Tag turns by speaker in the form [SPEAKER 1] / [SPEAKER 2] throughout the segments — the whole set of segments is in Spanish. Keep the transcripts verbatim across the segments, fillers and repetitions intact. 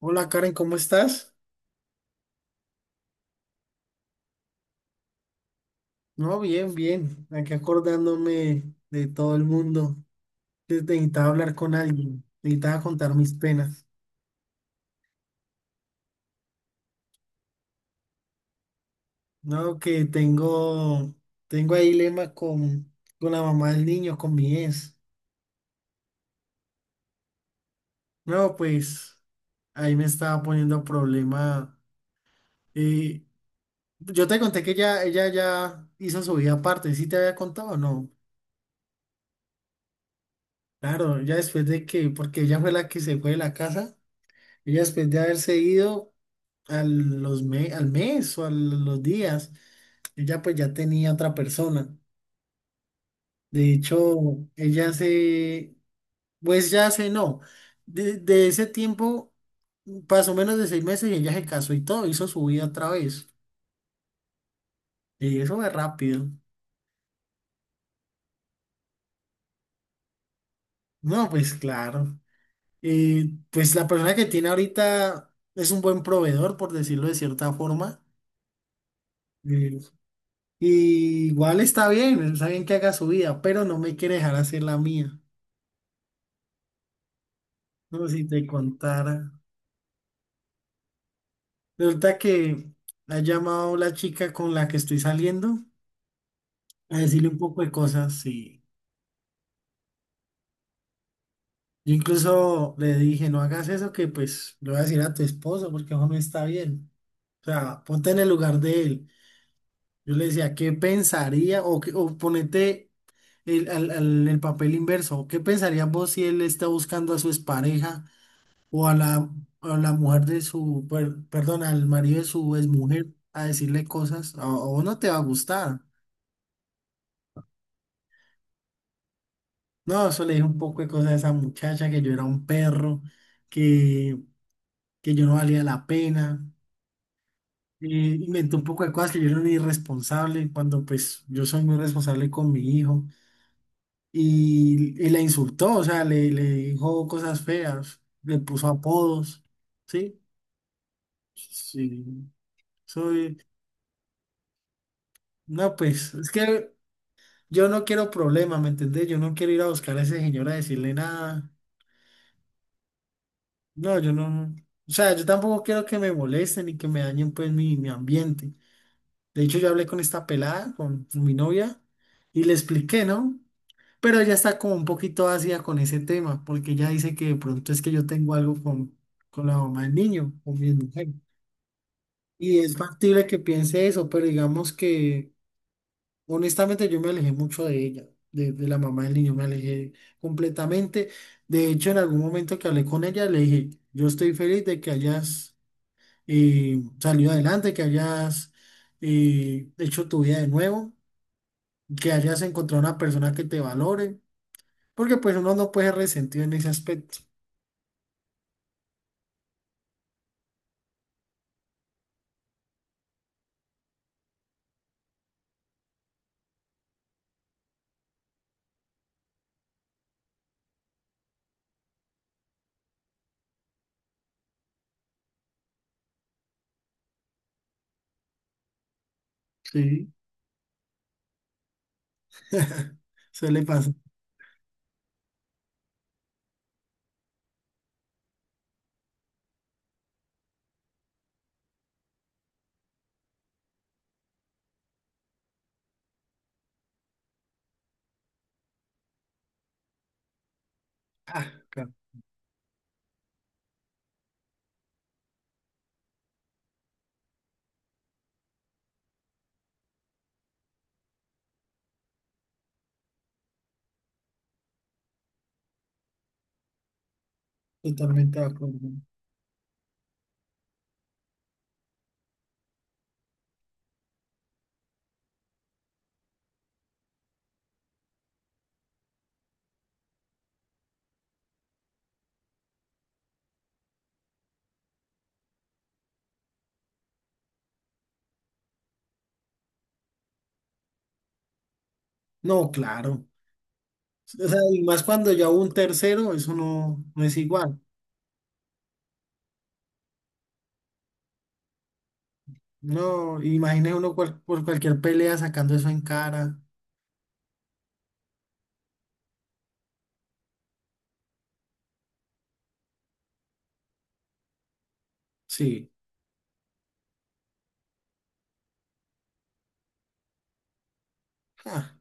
[SPEAKER 1] Hola Karen, ¿cómo estás? No, bien, bien. Aquí acordándome de todo el mundo. Que Necesitaba hablar con alguien, necesitaba contar mis penas. No, que tengo, tengo ahí lema con, con la mamá del niño, con mi ex. No, pues ahí me estaba poniendo problema. eh, yo te conté que ella, ella ya hizo su vida aparte, ¿sí te había contado o no? Claro, ya después de que, porque ella fue la que se fue de la casa, ella después de haberse ido a los me- al mes o a los días, yo ya pues ya tenía otra persona. De hecho, ella se, pues ya se no. De, de ese tiempo pasó menos de seis meses y ella se casó y todo, hizo su vida otra vez. Y eso fue rápido. No, pues claro. Eh, pues la persona que tiene ahorita es un buen proveedor, por decirlo de cierta forma. Eh, y igual está bien, está bien que haga su vida, pero no me quiere dejar hacer la mía. No, si te contara. Resulta que ha llamado la chica con la que estoy saliendo a decirle un poco de cosas. Y yo incluso le dije, no hagas eso que pues le voy a decir a tu esposo porque eso no está bien. O sea, ponte en el lugar de él. Yo le decía, ¿qué pensaría? O, qué- o ponete el, al- al- el papel inverso. ¿Qué pensarías vos si él está buscando a su expareja? O a la, a la mujer de su, per- perdón, al marido de su exmujer a decirle cosas, a, a vos no te va a gustar. No, eso le dije un poco de cosas a esa muchacha, que yo era un perro, que, que yo no valía la pena. Eh, inventé un poco de cosas que yo era un irresponsable, cuando pues yo soy muy responsable con mi hijo. Y, y la insultó, o sea, le, le dijo cosas feas, le puso apodos, ¿sí? Sí, soy... No, pues, es que yo no quiero problema, ¿me entendés? Yo no quiero ir a buscar a ese señor a decirle nada. No, yo no. O sea, yo tampoco quiero que me molesten ni que me dañen pues mi, mi ambiente. De hecho, yo hablé con esta pelada, con mi novia, y le expliqué, ¿no? Pero ella está como un poquito ácida con ese tema, porque ella dice que de pronto es que yo tengo algo con, con la mamá del niño, con mi mujer. Y es factible que piense eso, pero digamos que honestamente, yo me alejé mucho de ella, de, de la mamá del niño, me alejé completamente. De hecho, en algún momento que hablé con ella, le dije, yo estoy feliz de que hayas eh, salido adelante, que hayas eh, hecho tu vida de nuevo, que hayas encontrado una persona que te valore, porque pues uno no puede ser resentido en ese aspecto. Sí, suele pasar. Ah, claro, totalmente de acuerdo. No, claro. O sea, y más cuando ya hubo un tercero, eso no, no es igual. No, imagine uno cual- por cualquier pelea sacando eso en cara. Sí. Ah,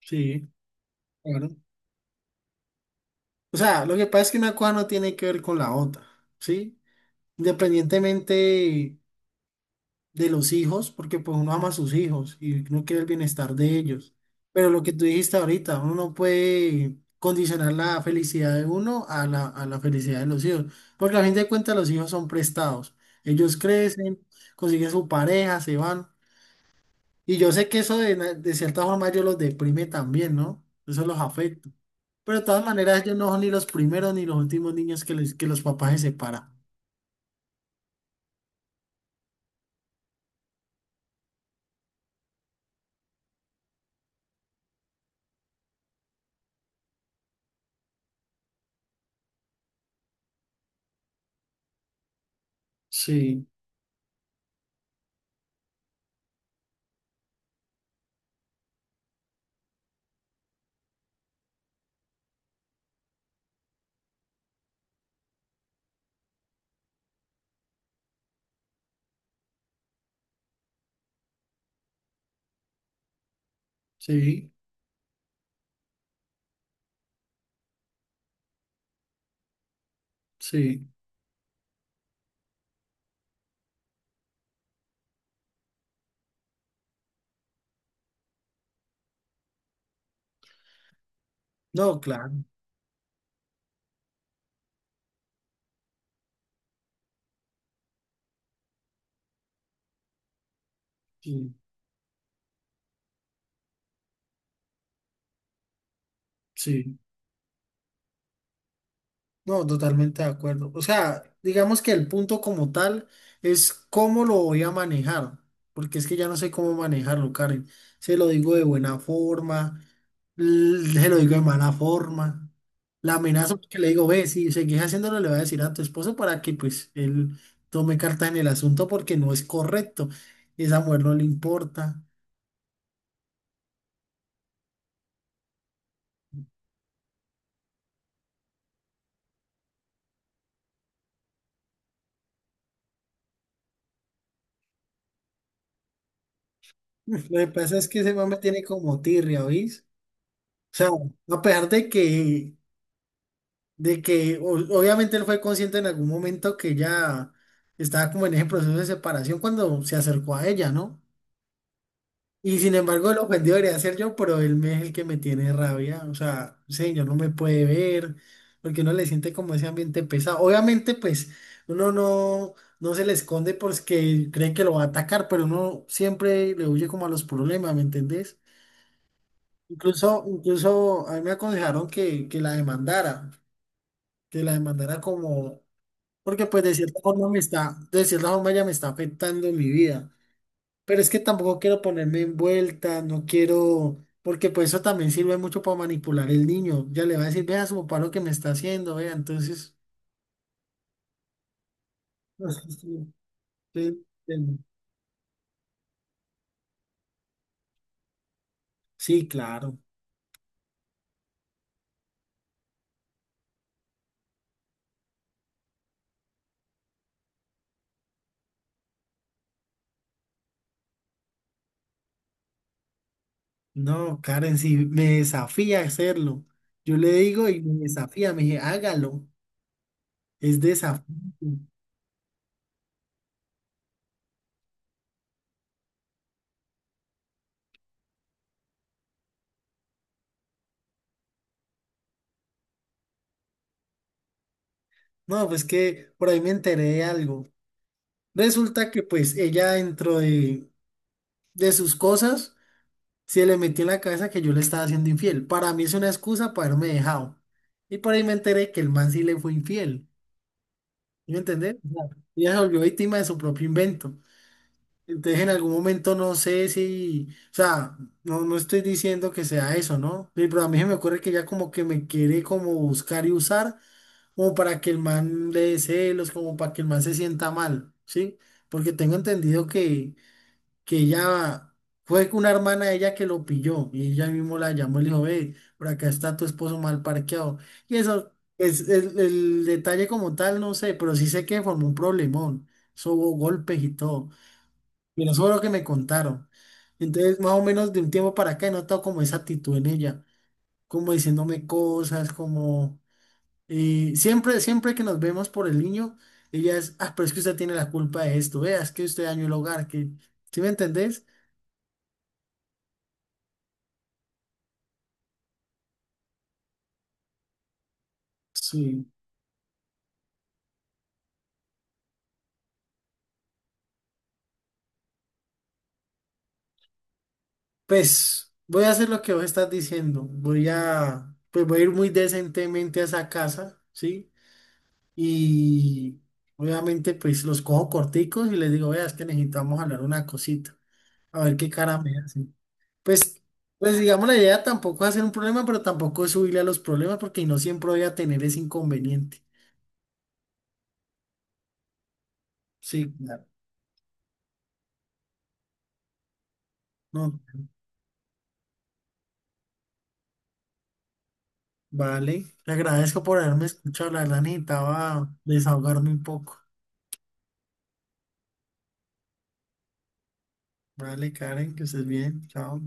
[SPEAKER 1] sí, claro. O sea, lo que pasa es que una cosa no tiene que ver con la otra, ¿sí? Independientemente de los hijos, porque pues uno ama a sus hijos y uno quiere el bienestar de ellos. Pero lo que tú dijiste ahorita, uno no puede condicionar la felicidad de uno a la, a la felicidad de los hijos, porque a fin de cuentas los hijos son prestados. Ellos crecen, consiguen su pareja, se van. Y yo sé que eso de, na- de cierta forma ellos los deprime también, ¿no? Eso los afecta. Pero de todas maneras ellos no son ni los primeros ni los últimos niños que, les, que los papás se separan. Sí, sí, sí. No, claro. Sí, sí. No, totalmente de acuerdo. O sea, digamos que el punto como tal es cómo lo voy a manejar, porque es que ya no sé cómo manejarlo, Karen. Se lo digo de buena forma, l- se lo digo de mala forma. La amenaza porque le digo, ve, si seguís haciéndolo, le voy a decir a tu esposo para que pues él tome carta en el asunto porque no es correcto. Esa mujer no le importa. Lo que pasa es que ese mame tiene como tirria, ¿oís? O sea, a pesar de que de que o- obviamente él fue consciente en algún momento que ella estaba como en ese proceso de separación cuando se acercó a ella, ¿no? Y sin embargo, el ofendido debería ser yo, pero él me- es el que me tiene rabia. O sea, señor, no me puede ver, porque uno le siente como ese ambiente pesado. Obviamente, pues, uno no, no se le esconde porque cree que lo va a atacar, pero uno siempre le huye como a los problemas, ¿me entendés? Incluso, incluso a mí me aconsejaron que, que la demandara, que la demandara como porque pues de cierta forma me está, de cierta forma ya me está afectando mi vida. Pero es que tampoco quiero ponerme en vuelta, no quiero, porque pues eso también sirve mucho para manipular el niño. Ya le va a decir, vea su papá lo que me está haciendo, vea. Entonces, no sé si- sí, sí, sí, claro. No, Karen, si me desafía a hacerlo. Yo le digo y me desafía, me dice, hágalo. Es desafío. No, pues que por ahí me enteré de algo. Resulta que pues ella dentro de de sus cosas. Se le metió en la cabeza que yo le estaba haciendo infiel. Para mí es una excusa para haberme dejado. Y por ahí me enteré que el man sí le fue infiel. ¿Sí? ¿Me entendés? O sea, ella se volvió víctima de su propio invento. Entonces en algún momento no sé si, o sea, no, no estoy diciendo que sea eso, ¿no? Sí, pero a mí se me ocurre que ya como que me quiere como buscar y usar, como para que el man le dé celos, como para que el man se sienta mal, ¿sí? Porque tengo entendido que que ella fue una hermana de ella que lo pilló y ella mismo la llamó y le dijo, ve, por acá está tu esposo mal parqueado. Y eso es el, el detalle como tal, no sé, pero sí sé que formó un problemón. Eso hubo golpes y todo. Y eso fue lo que me contaron. Entonces, más o menos de un tiempo para acá he notado como esa actitud en ella, como diciéndome cosas, como eh, siempre, siempre que nos vemos por el niño, ella es, ah, pero es que usted tiene la culpa de esto, vea, es que usted dañó el hogar, que, ¿sí me entendés? Sí. Pues voy a hacer lo que vos estás diciendo. Voy a, pues voy a ir muy decentemente a esa casa, ¿sí? Y obviamente pues los cojo corticos y les digo, vea, es que necesitamos hablar una cosita. A ver qué cara me hacen. Pues, pues digamos, la idea tampoco es hacer un problema, pero tampoco es subirle a los problemas porque no siempre voy a tener ese inconveniente. Sí, claro. No, vale. Le agradezco por haberme escuchado. La verdad necesitaba desahogarme un poco. Vale, Karen, que estés bien. Chao.